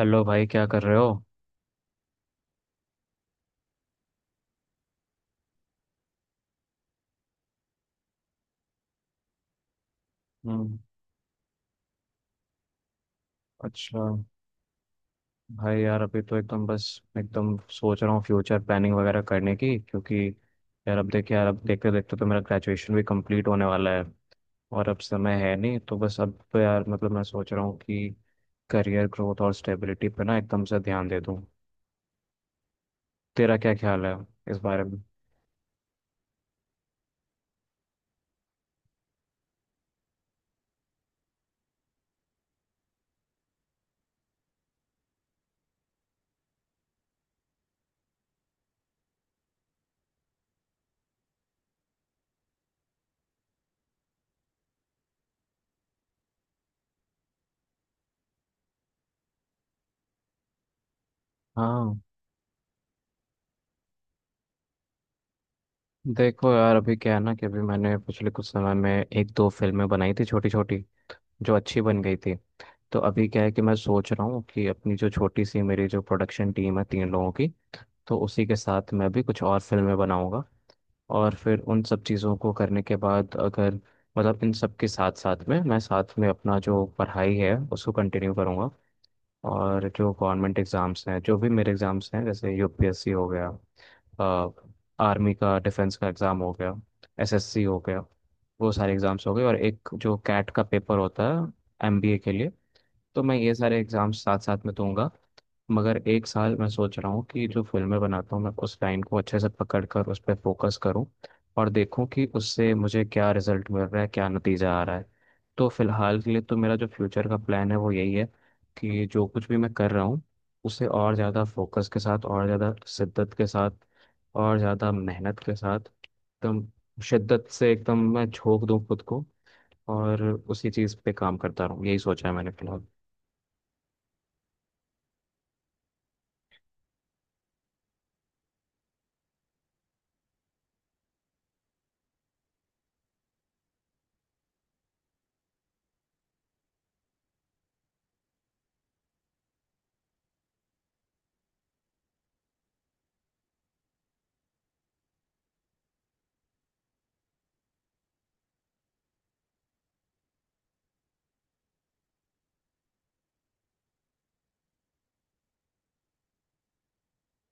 Hello भाई, क्या कर रहे हो? हम्म। अच्छा। भाई यार, अभी तो एकदम बस एकदम सोच रहा हूँ फ्यूचर प्लानिंग वगैरह करने की, क्योंकि यार अब देखिए, यार अब देखते देखते तो मेरा ग्रेजुएशन भी कंप्लीट होने वाला है, और अब समय है नहीं, तो बस अब तो यार मतलब मैं सोच रहा हूँ कि करियर ग्रोथ और स्टेबिलिटी पे ना एकदम से ध्यान दे दूँ। तेरा क्या ख्याल है इस बारे में? हाँ, देखो यार, अभी क्या है ना, कि अभी मैंने पिछले कुछ समय में एक दो फिल्में बनाई थी, छोटी छोटी, जो अच्छी बन गई थी। तो अभी क्या है कि मैं सोच रहा हूँ कि अपनी जो छोटी सी मेरी जो प्रोडक्शन टीम है तीन लोगों की, तो उसी के साथ मैं भी कुछ और फिल्में बनाऊंगा। और फिर उन सब चीज़ों को करने के बाद अगर, मतलब इन सब के साथ साथ में, मैं साथ में अपना जो पढ़ाई है उसको कंटिन्यू करूँगा, और जो गवर्नमेंट एग्ज़ाम्स हैं जो भी मेरे एग्ज़ाम्स हैं, जैसे यूपीएससी हो गया, आर्मी का डिफेंस का एग्ज़ाम हो गया, एसएससी हो गया, वो सारे एग्ज़ाम्स हो गए, और एक जो कैट का पेपर होता है एमबीए के लिए, तो मैं ये सारे एग्जाम्स साथ साथ में दूंगा। मगर एक साल मैं सोच रहा हूँ कि जो फिल्में बनाता हूँ मैं, उस लाइन को अच्छे से पकड़ कर उस पर फोकस करूँ, और देखूँ कि उससे मुझे क्या रिजल्ट मिल रहा है, क्या नतीजा आ रहा है। तो फिलहाल के लिए तो मेरा जो फ्यूचर का प्लान है वो यही है, कि जो कुछ भी मैं कर रहा हूँ उसे और ज़्यादा फोकस के साथ, और ज़्यादा शिद्दत के साथ, और ज़्यादा मेहनत के साथ, एकदम शिद्दत से एकदम मैं झोंक दूँ खुद को, और उसी चीज़ पे काम करता रहूँ, यही सोचा है मैंने फिलहाल।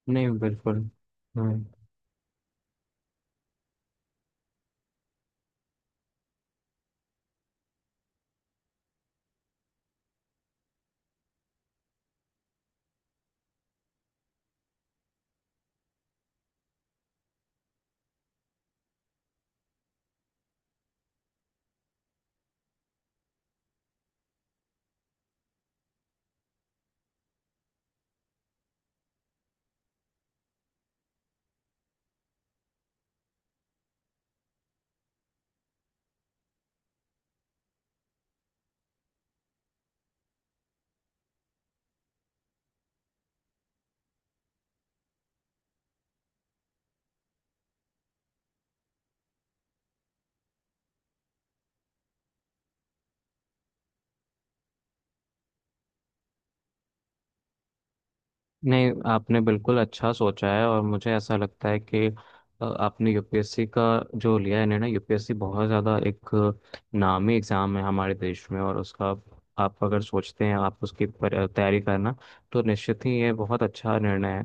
नहीं बिल्कुल। हाँ। नहीं आपने बिल्कुल अच्छा सोचा है, और मुझे ऐसा लगता है कि आपने यूपीएससी का जो लिया है निर्णय, यूपीएससी बहुत ज़्यादा एक नामी एग्ज़ाम है हमारे देश में, और उसका आप अगर सोचते हैं आप उसकी तैयारी करना, तो निश्चित ही ये बहुत अच्छा निर्णय है।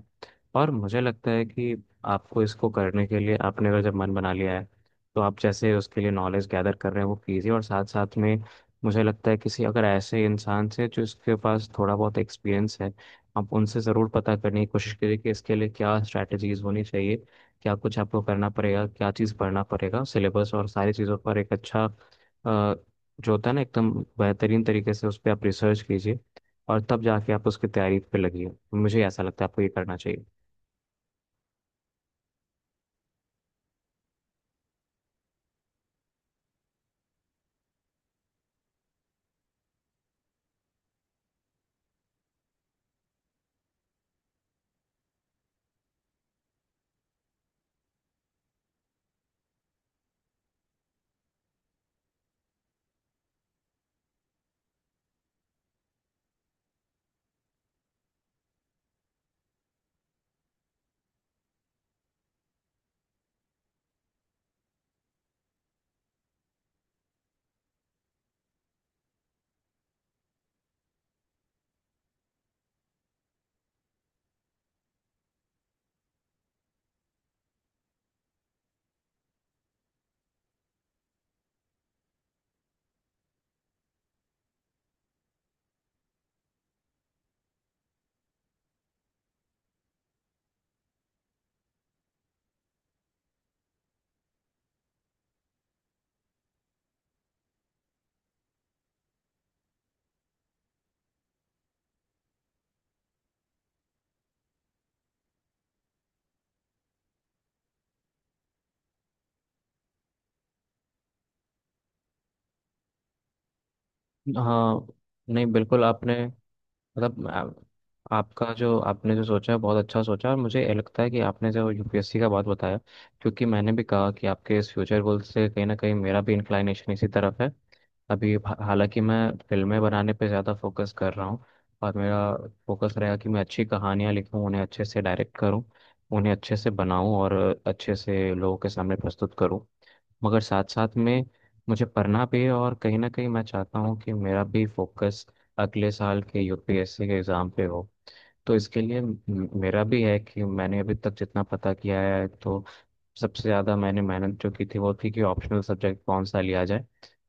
और मुझे लगता है कि आपको इसको करने के लिए, आपने अगर जब मन बना लिया है, तो आप जैसे उसके लिए नॉलेज गैदर कर रहे हैं वो कीजिए, और साथ साथ में मुझे लगता है किसी अगर ऐसे इंसान से जो इसके पास थोड़ा बहुत एक्सपीरियंस है, आप उनसे ज़रूर पता करने की कोशिश करिए कि इसके लिए क्या स्ट्रैटेजीज होनी चाहिए, क्या कुछ आपको करना पड़ेगा, क्या चीज़ पढ़ना पड़ेगा, सिलेबस और सारी चीज़ों पर एक अच्छा जो होता है ना, एकदम बेहतरीन तरीके से उस पर आप रिसर्च कीजिए, और तब जाके आप उसकी तैयारी पे लगिए। मुझे ऐसा लगता है आपको ये करना चाहिए। हाँ। नहीं बिल्कुल। आपने, मतलब आपका जो आपने जो सोचा है बहुत अच्छा सोचा, और मुझे ये लगता है कि आपने जो यूपीएससी का बात बताया, क्योंकि मैंने भी कहा कि आपके इस फ्यूचर गोल से कहीं ना कहीं मेरा भी इंक्लाइनेशन इसी तरफ है। अभी हालांकि मैं फिल्में बनाने पे ज़्यादा फोकस कर रहा हूँ, और मेरा फोकस रहेगा कि मैं अच्छी कहानियाँ लिखूँ, उन्हें अच्छे से डायरेक्ट करूँ, उन्हें अच्छे से बनाऊँ, और अच्छे से लोगों के सामने प्रस्तुत करूँ। मगर साथ साथ में मुझे पढ़ना भी है, और कहीं ना कहीं मैं चाहता हूँ कि मेरा भी फोकस अगले साल के यूपीएससी के एग्ज़ाम पे हो। तो इसके लिए मेरा भी है कि मैंने अभी तक जितना पता किया है, तो सबसे ज़्यादा मैंने मेहनत जो की थी वो थी कि ऑप्शनल सब्जेक्ट कौन सा लिया जाए।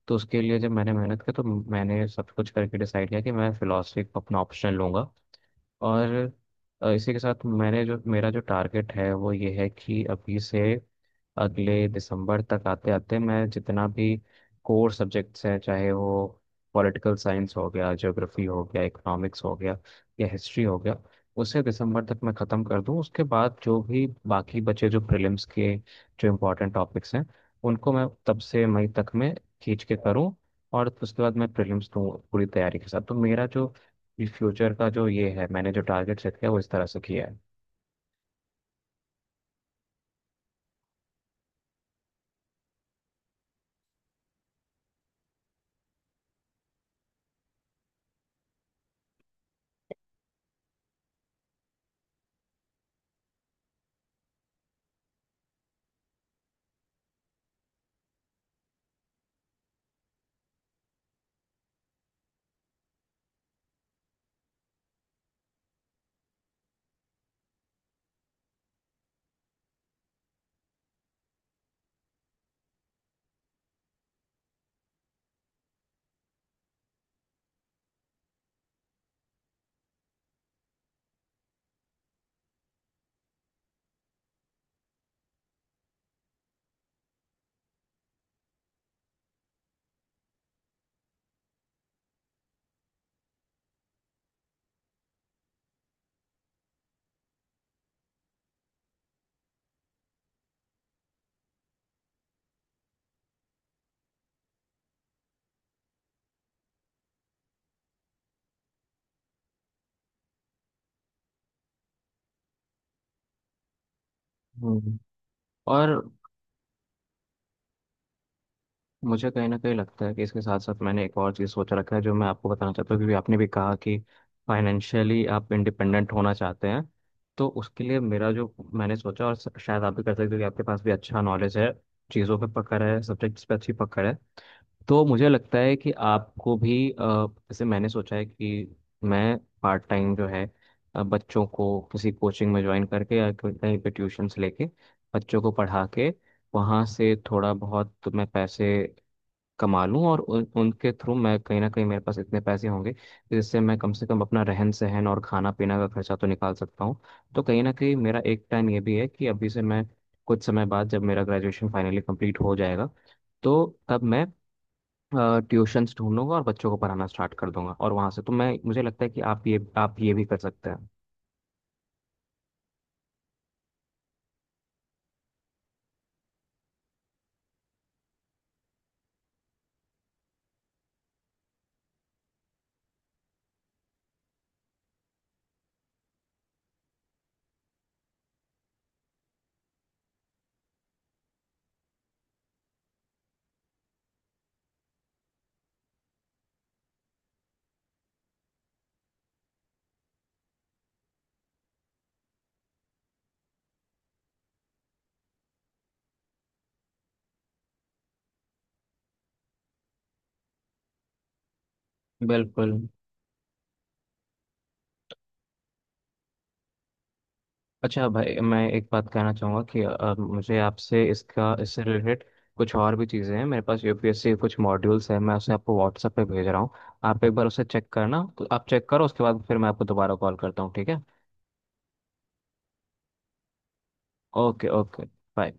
तो उसके लिए जब मैंने मेहनत की, तो मैंने सब कुछ करके डिसाइड किया कि मैं फ़िलासफ़ी को अपना ऑप्शनल लूँगा। और इसी के साथ मैंने जो मेरा जो टारगेट है वो ये है कि अभी से अगले दिसंबर तक आते आते मैं जितना भी कोर सब्जेक्ट्स हैं, चाहे वो पॉलिटिकल साइंस हो गया, ज्योग्राफी हो गया, इकोनॉमिक्स हो गया, या हिस्ट्री हो गया, उसे दिसंबर तक मैं ख़त्म कर दूं, उसके बाद जो भी बाकी बचे, जो प्रीलिम्स के जो इम्पोर्टेंट टॉपिक्स हैं, उनको मैं तब से मई तक में खींच के करूं, और उसके बाद मैं प्रीलिम्स दूं पूरी तैयारी के साथ। तो मेरा जो कि फ्यूचर का जो ये है, मैंने जो टारगेट सेट किया वो इस तरह से किया है। हम्म। और मुझे कहीं ना कहीं लगता है कि इसके साथ साथ मैंने एक और चीज़ सोच रखा है जो मैं आपको बताना चाहता हूँ, क्योंकि आपने भी कहा कि फाइनेंशियली आप इंडिपेंडेंट होना चाहते हैं। तो उसके लिए मेरा जो मैंने सोचा, और शायद आप भी कर सकते हो कि आपके पास भी अच्छा नॉलेज है, चीज़ों पे पकड़ है, सब्जेक्ट्स पे अच्छी पकड़ है, तो मुझे लगता है कि आपको भी जैसे मैंने सोचा है कि मैं पार्ट टाइम जो है, बच्चों को किसी कोचिंग में ज्वाइन करके, या कहीं पे ट्यूशन्स लेके बच्चों को पढ़ा के वहाँ से थोड़ा बहुत तो मैं पैसे कमा लूँ, और उनके थ्रू मैं कहीं ना कहीं मेरे पास इतने पैसे होंगे कि जिससे मैं कम से कम अपना रहन सहन और खाना पीना का खर्चा तो निकाल सकता हूँ। तो कहीं ना कहीं मेरा एक प्लान ये भी है कि अभी से मैं, कुछ समय बाद जब मेरा ग्रेजुएशन फाइनली कंप्लीट हो जाएगा, तो तब मैं ट्यूशंस ढूंढ लूंगा और बच्चों को पढ़ाना स्टार्ट कर दूंगा, और वहां से तो मैं, मुझे लगता है कि आप ये भी कर सकते हैं। बिल्कुल। अच्छा भाई, मैं एक बात कहना चाहूँगा कि मुझे आपसे इसका इससे रिलेटेड कुछ और भी चीज़ें हैं, मेरे पास यूपीएससी के कुछ मॉड्यूल्स हैं, मैं उसे आपको व्हाट्सएप पे भेज रहा हूँ, आप एक बार उसे चेक करना, तो आप चेक करो, उसके बाद फिर मैं आपको दोबारा कॉल करता हूँ, ठीक है? Okay, okay. बाय।